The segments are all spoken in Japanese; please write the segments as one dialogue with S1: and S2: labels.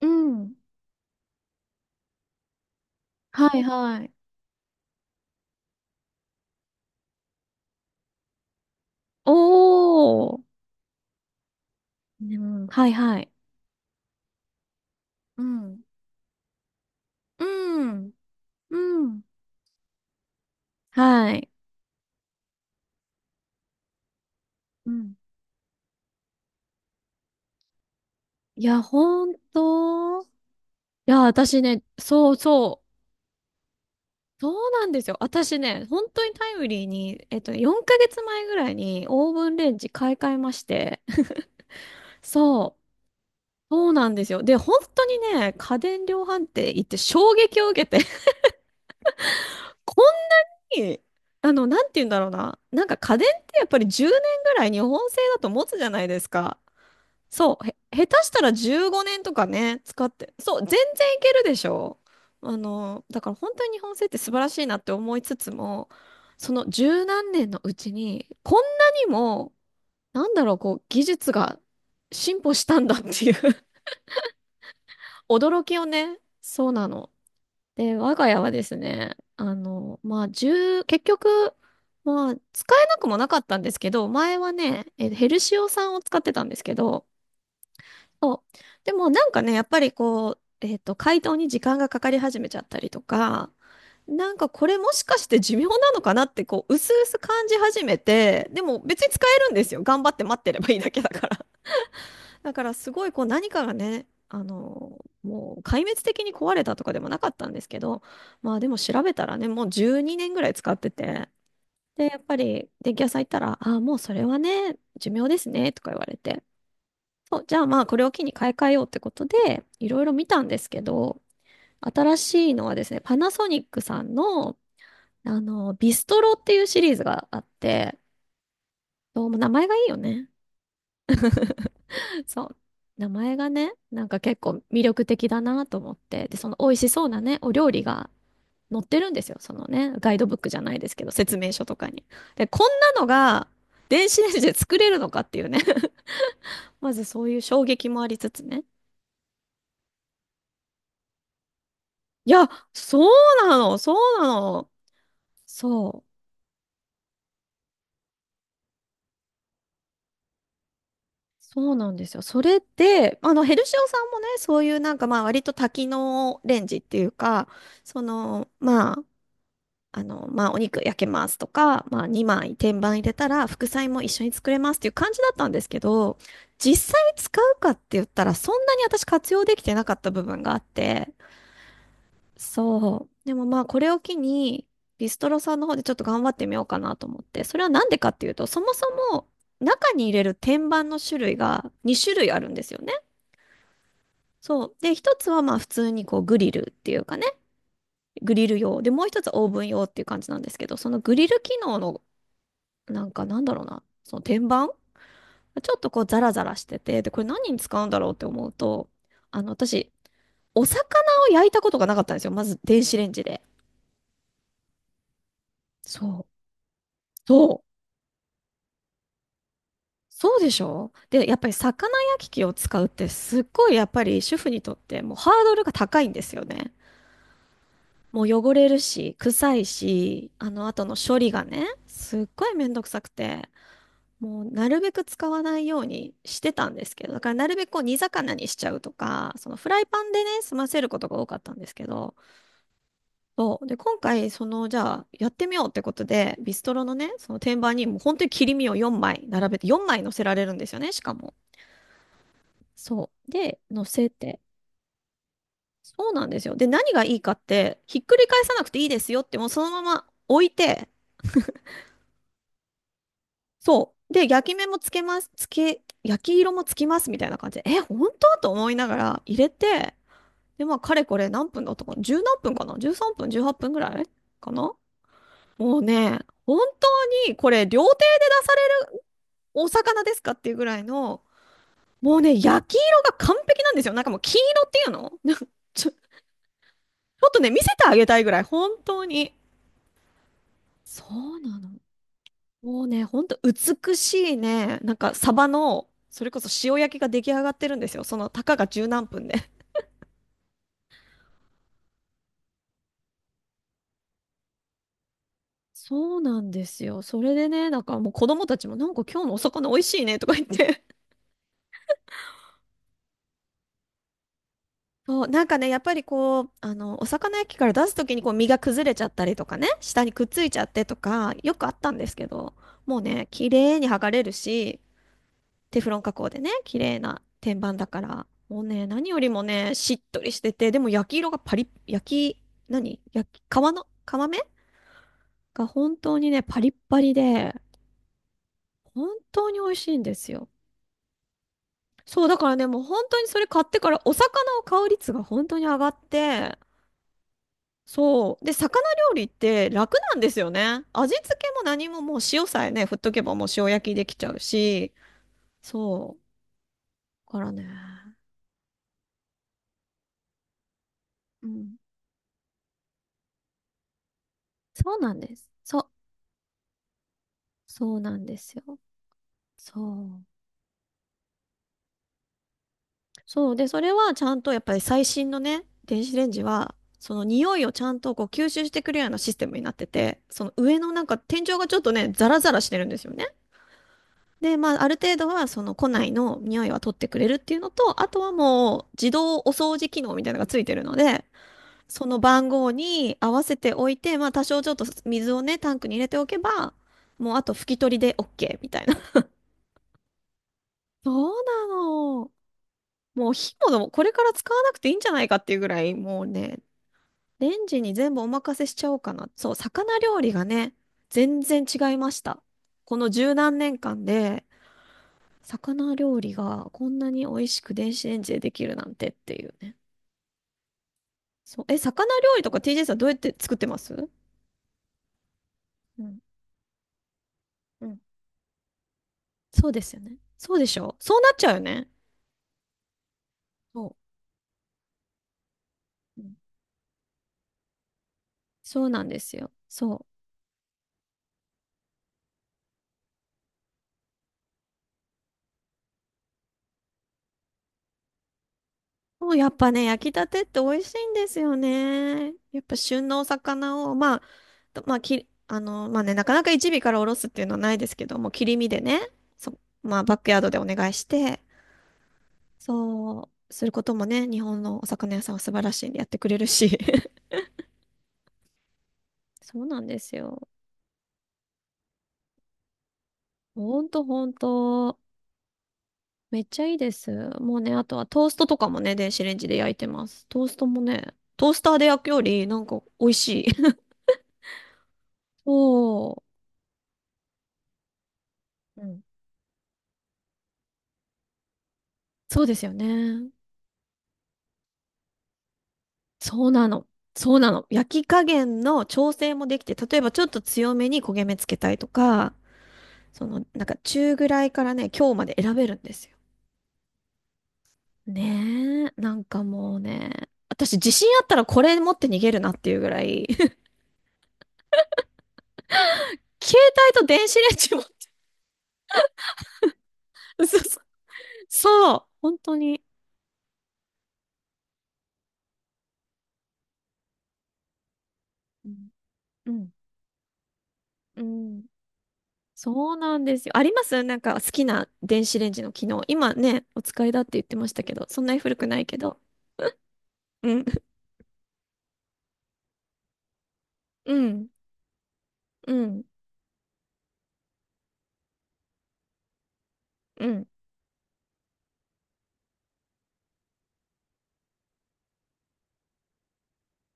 S1: うん。はいはい。おー。うん。はいはい。うん。うん。うん。はい。うん。いや、ほんと。いや、私ね、そうそう。そうなんですよ。私ね、本当にタイムリーに、4ヶ月前ぐらいにオーブンレンジ買い替えまして。そう。そうなんですよ。で、本当にね、家電量販店行って衝撃を受けて こんに、なんて言うんだろうな。なんか家電ってやっぱり10年ぐらい日本製だと持つじゃないですか。そう、下手したら15年とかね、使って。そう、全然いけるでしょ？だから本当に日本製って素晴らしいなって思いつつも、その十何年のうちに、こんなにも、なんだろう、こう、技術が進歩したんだっていう 驚きをね、そうなの。で、我が家はですね、まあ、1結局、まあ、使えなくもなかったんですけど、前はね、ヘルシオ酸を使ってたんですけど、そう。でもなんかね、やっぱりこう、解凍に時間がかかり始めちゃったりとか、なんかこれもしかして寿命なのかなって、こう、薄々感じ始めて、でも別に使えるんですよ。頑張って待ってればいいだけだから。だからすごいこう何かがね、もう壊滅的に壊れたとかでもなかったんですけど、まあでも調べたらね、もう12年ぐらい使ってて、で、やっぱり電気屋さん行ったら、ああ、もうそれはね、寿命ですね、とか言われて、そう、じゃあまあこれを機に買い替えようってことで、いろいろ見たんですけど、新しいのはですね、パナソニックさんの、ビストロっていうシリーズがあって、どうも名前がいいよね。そう。名前がね、なんか結構魅力的だなと思って。で、その美味しそうなね、お料理が載ってるんですよ。そのね、ガイドブックじゃないですけど、説明書とかに。で、こんなのが電子レンジで作れるのかっていうね。まずそういう衝撃もありつつね。いや、そうなの、そうなの。そう。そうなんですよ。それで、ヘルシオさんもね、そういうなんかまあ割と多機能レンジっていうか、その、まあ、まあ、お肉焼けますとか、まあ、2枚天板入れたら副菜も一緒に作れますっていう感じだったんですけど、実際使うかって言ったらそんなに私活用できてなかった部分があって、そう。でもまあ、これを機に、ビストロさんの方でちょっと頑張ってみようかなと思って、それはなんでかっていうと、そもそも中に入れる天板の種類が2種類あるんですよね。そう。で、一つはまあ普通にこうグリルっていうかね、グリル用。で、もう一つはオーブン用っていう感じなんですけど、そのグリル機能のなんかなんだろうな、その天板ちょっとこうザラザラしてて、で、これ何に使うんだろうって思うと、私、お魚を焼いたことがなかったんですよ。まず電子レンジで。そう。そう。そうでしょ？で、やっぱり魚焼き器を使うってすっごいやっぱり主婦にとってもうハードルが高いんですよね。もう汚れるし、臭いし、あの後の処理がね、すっごいめんどくさくて。もうなるべく使わないようにしてたんですけど、だからなるべくこう煮魚にしちゃうとか、そのフライパンでね、済ませることが多かったんですけど、そう。で、今回、じゃあ、やってみようってことで、ビストロのね、その天板にもう本当に切り身を4枚並べて、4枚乗せられるんですよね、しかも。そう。で、乗せて。そうなんですよ。で、何がいいかって、ひっくり返さなくていいですよって、もうそのまま置いて、そう。で、焼き目もつけます。焼き色もつきますみたいな感じで、え、本当？と思いながら入れて、で、まあ、かれこれ何分だったかな？じゅう何分かな？ 13 分、18分ぐらいかな？もうね、本当にこれ料亭で出されるお魚ですかっていうぐらいの、もうね、焼き色が完璧なんですよ。なんかもう黄色っていうのなんか ちょっとね、見せてあげたいぐらい、本当に。そうなの。もうね、ほんと美しいね、なんかサバの、それこそ塩焼きが出来上がってるんですよ。その、たかが十何分で。そうなんですよ。それでね、なんかもう子供たちも、なんか今日のお魚美味しいねとか言って。そう、なんかね、やっぱりこう、お魚焼きから出すときにこう身が崩れちゃったりとかね、下にくっついちゃってとか、よくあったんですけど、もうね、綺麗に剥がれるし、テフロン加工でね、綺麗な天板だから、もうね、何よりもね、しっとりしてて、でも焼き色がパリッ、焼き、何焼き、皮の、皮目が本当にね、パリッパリで、本当に美味しいんですよ。そう、だからね、もう本当にそれ買ってから、お魚を買う率が本当に上がって、そう。で、魚料理って楽なんですよね。味付けも何ももう塩さえね、振っとけばもう塩焼きできちゃうし、そう。だからね。うん。そうなんです。そう。そうなんですよ。そう。そう。で、それはちゃんとやっぱり最新のね、電子レンジは、その匂いをちゃんとこう吸収してくれるようなシステムになってて、その上のなんか天井がちょっとね、ザラザラしてるんですよね。で、まあ、ある程度はその庫内の匂いは取ってくれるっていうのと、あとはもう自動お掃除機能みたいなのがついてるので、その番号に合わせておいて、まあ多少ちょっと水をね、タンクに入れておけば、もうあと拭き取りで OK みたいな。そうなの。もう火もこれから使わなくていいんじゃないかっていうぐらい、もうね、レンジに全部お任せしちゃおうかな。そう、魚料理がね、全然違いました。この十何年間で、魚料理がこんなに美味しく電子レンジでできるなんてっていうね。そう、え、魚料理とか TJ さんどうやって作ってます？うん、うん。そうですよね。そうでしょ？そうなっちゃうよね。そう。うん、そうなんですよ。そう。もうやっぱね、焼きたてって美味しいんですよね。やっぱ旬のお魚を、まあ、とまあ、き、あの、まあね、なかなか一尾からおろすっていうのはないですけども、切り身でね、まあ、バックヤードでお願いして、そう、することもね、日本のお魚屋さんは素晴らしいんでやってくれるし。そうなんですよ。ほんとほんと。めっちゃいいです。もうね、あとはトーストとかもね、電子レンジで焼いてます。トーストもね、トースターで焼くより、なんか美味しい。そう。うんそうですよね。そうなの。そうなの。焼き加減の調整もできて、例えばちょっと強めに焦げ目つけたいとか、なんか中ぐらいからね、今日まで選べるんですよ。ねえ、なんかもうね、私自信あったらこれ持って逃げるなっていうぐらい、携帯と電子レンジも 嘘嘘そう、本当に。うんうん、うんそうなんですよ。ありますなんか好きな電子レンジの機能。今ね、お使いだって言ってましたけど、そんなに古くないけど。うんうん、うん、うん、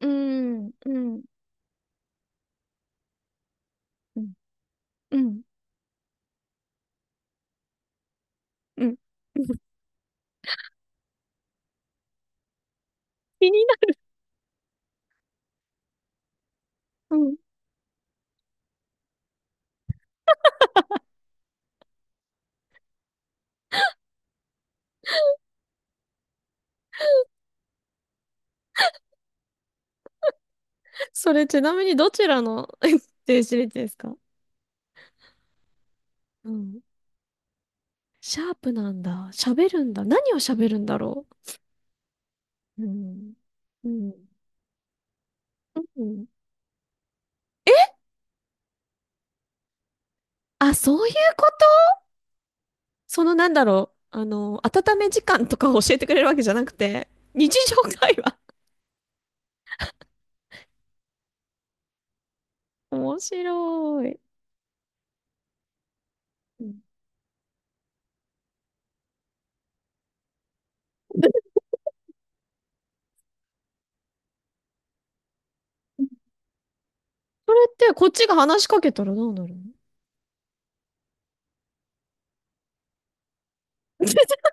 S1: うん、うん、うん、うん、うん。気になる。うん。それちなみにどちらの 電子レンジですか？うん。シャープなんだ。喋るんだ。何を喋るんだろう。うん。うん。うん。あ、そういうこと？なんだろう。温め時間とかを教えてくれるわけじゃなくて、日常会話。面白い。うん。 それってこっちが話しかけたらどうなるの？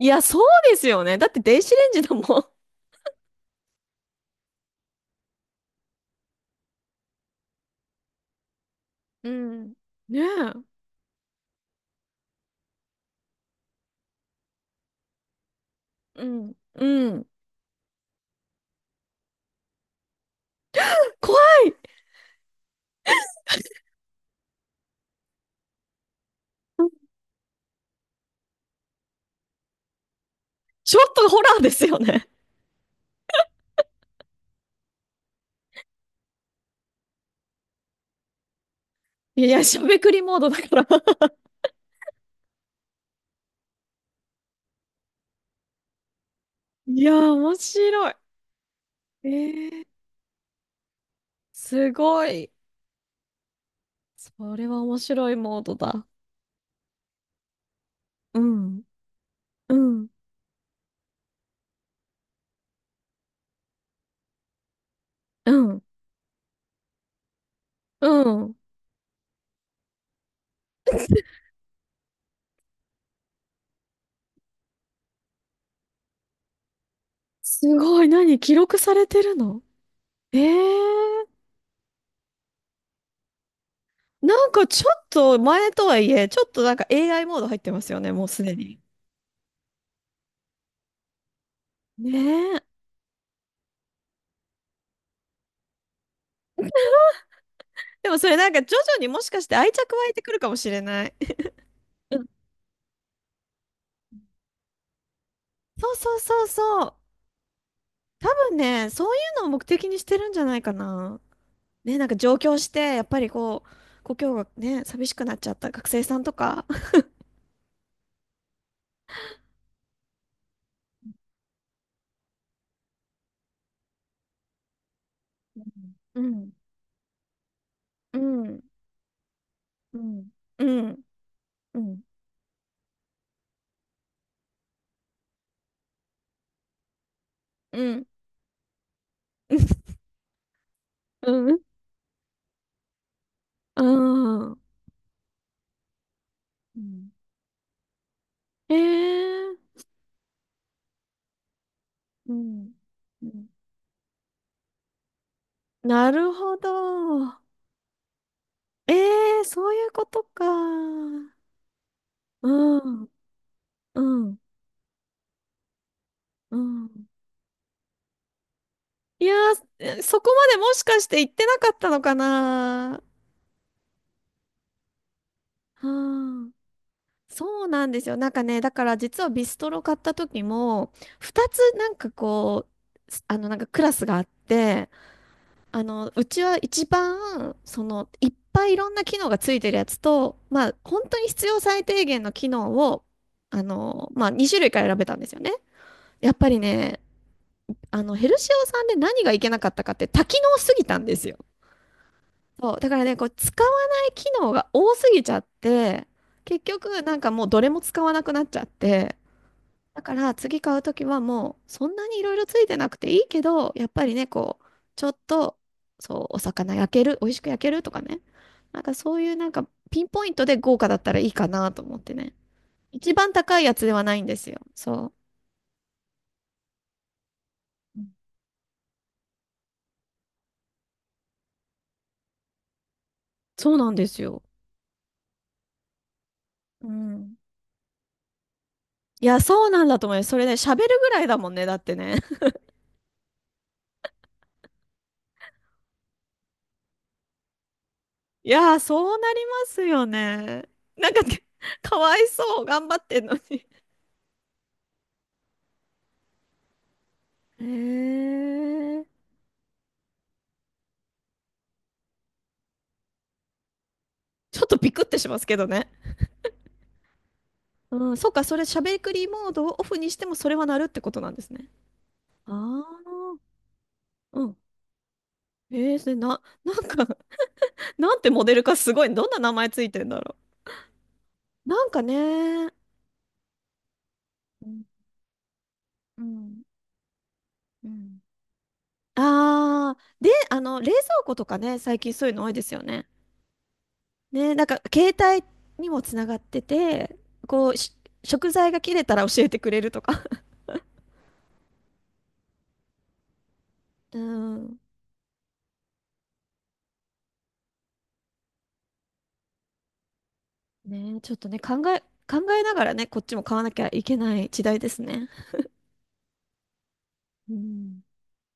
S1: いや、そうですよね。だって電子レンジだもん。うん。ねえ。うん。うん。怖い。ちょっとホラーですよね。いや、しゃべくりモードだから。いやー、面白い。えー、すごい。それは面白いモードだ。うん、うん、うん、うん。すごい。何記録されてるの？えー、なんかちょっと前とはいえ、ちょっとなんか AI モード入ってますよね、もうすでに。ねえ。でもそれなんか徐々にもしかして愛着湧いてくるかもしれない。うんそうそうそうそう。多分ね、そういうのを目的にしてるんじゃないかな。ね、なんか上京して、やっぱりこう、故郷がね、寂しくなっちゃった学生さんとか。うん、うん、うん、うん、うん、うん、うん、うん。えー、うん、うん。なるほど。えー、そういうことか。うん、うん、うん。いやー、そこまでもしかして言ってなかったのかな。はあ、そうなんですよ。なんかね、だから実はビストロ買った時も、2つなんかこう、すあのなんかクラスがあって、うちは一番、いっぱいいろんな機能がついてるやつと、まあ、本当に必要最低限の機能を、まあ、2種類から選べたんですよね。やっぱりね、ヘルシオさんで何がいけなかったかって多機能すぎたんですよ。そう、だからね、こう、使わない機能が多すぎちゃって、結局、なんかもうどれも使わなくなっちゃって、だから次買うときはもう、そんなにいろいろついてなくていいけど、やっぱりね、こう、ちょっと、そう、お魚焼ける、美味しく焼けるとかね。なんかそういうなんか、ピンポイントで豪華だったらいいかなと思ってね。一番高いやつではないんですよ。そう。うんそうなんですよ。うん。いや、そうなんだと思います。それね、喋るぐらいだもんね、だってね。いやー、そうなりますよね。なんかね、かわいそう、頑張ってんのに。へえ。ちょっとビクってしますけどね。うん、そうか、それ、しゃべくりモードをオフにしても、それはなるってことなんですね。ああ、うん。えー、それな、なんか なんてモデルかすごい、どんな名前ついてんだろう。なんかね、うんうんうんああー、で、冷蔵庫とかね、最近そういうの多いですよね。ね、なんか携帯にもつながってて、こう、食材が切れたら教えてくれるとか。うん。ね、ちょっとね、考えながらね、こっちも買わなきゃいけない時代ですね。うん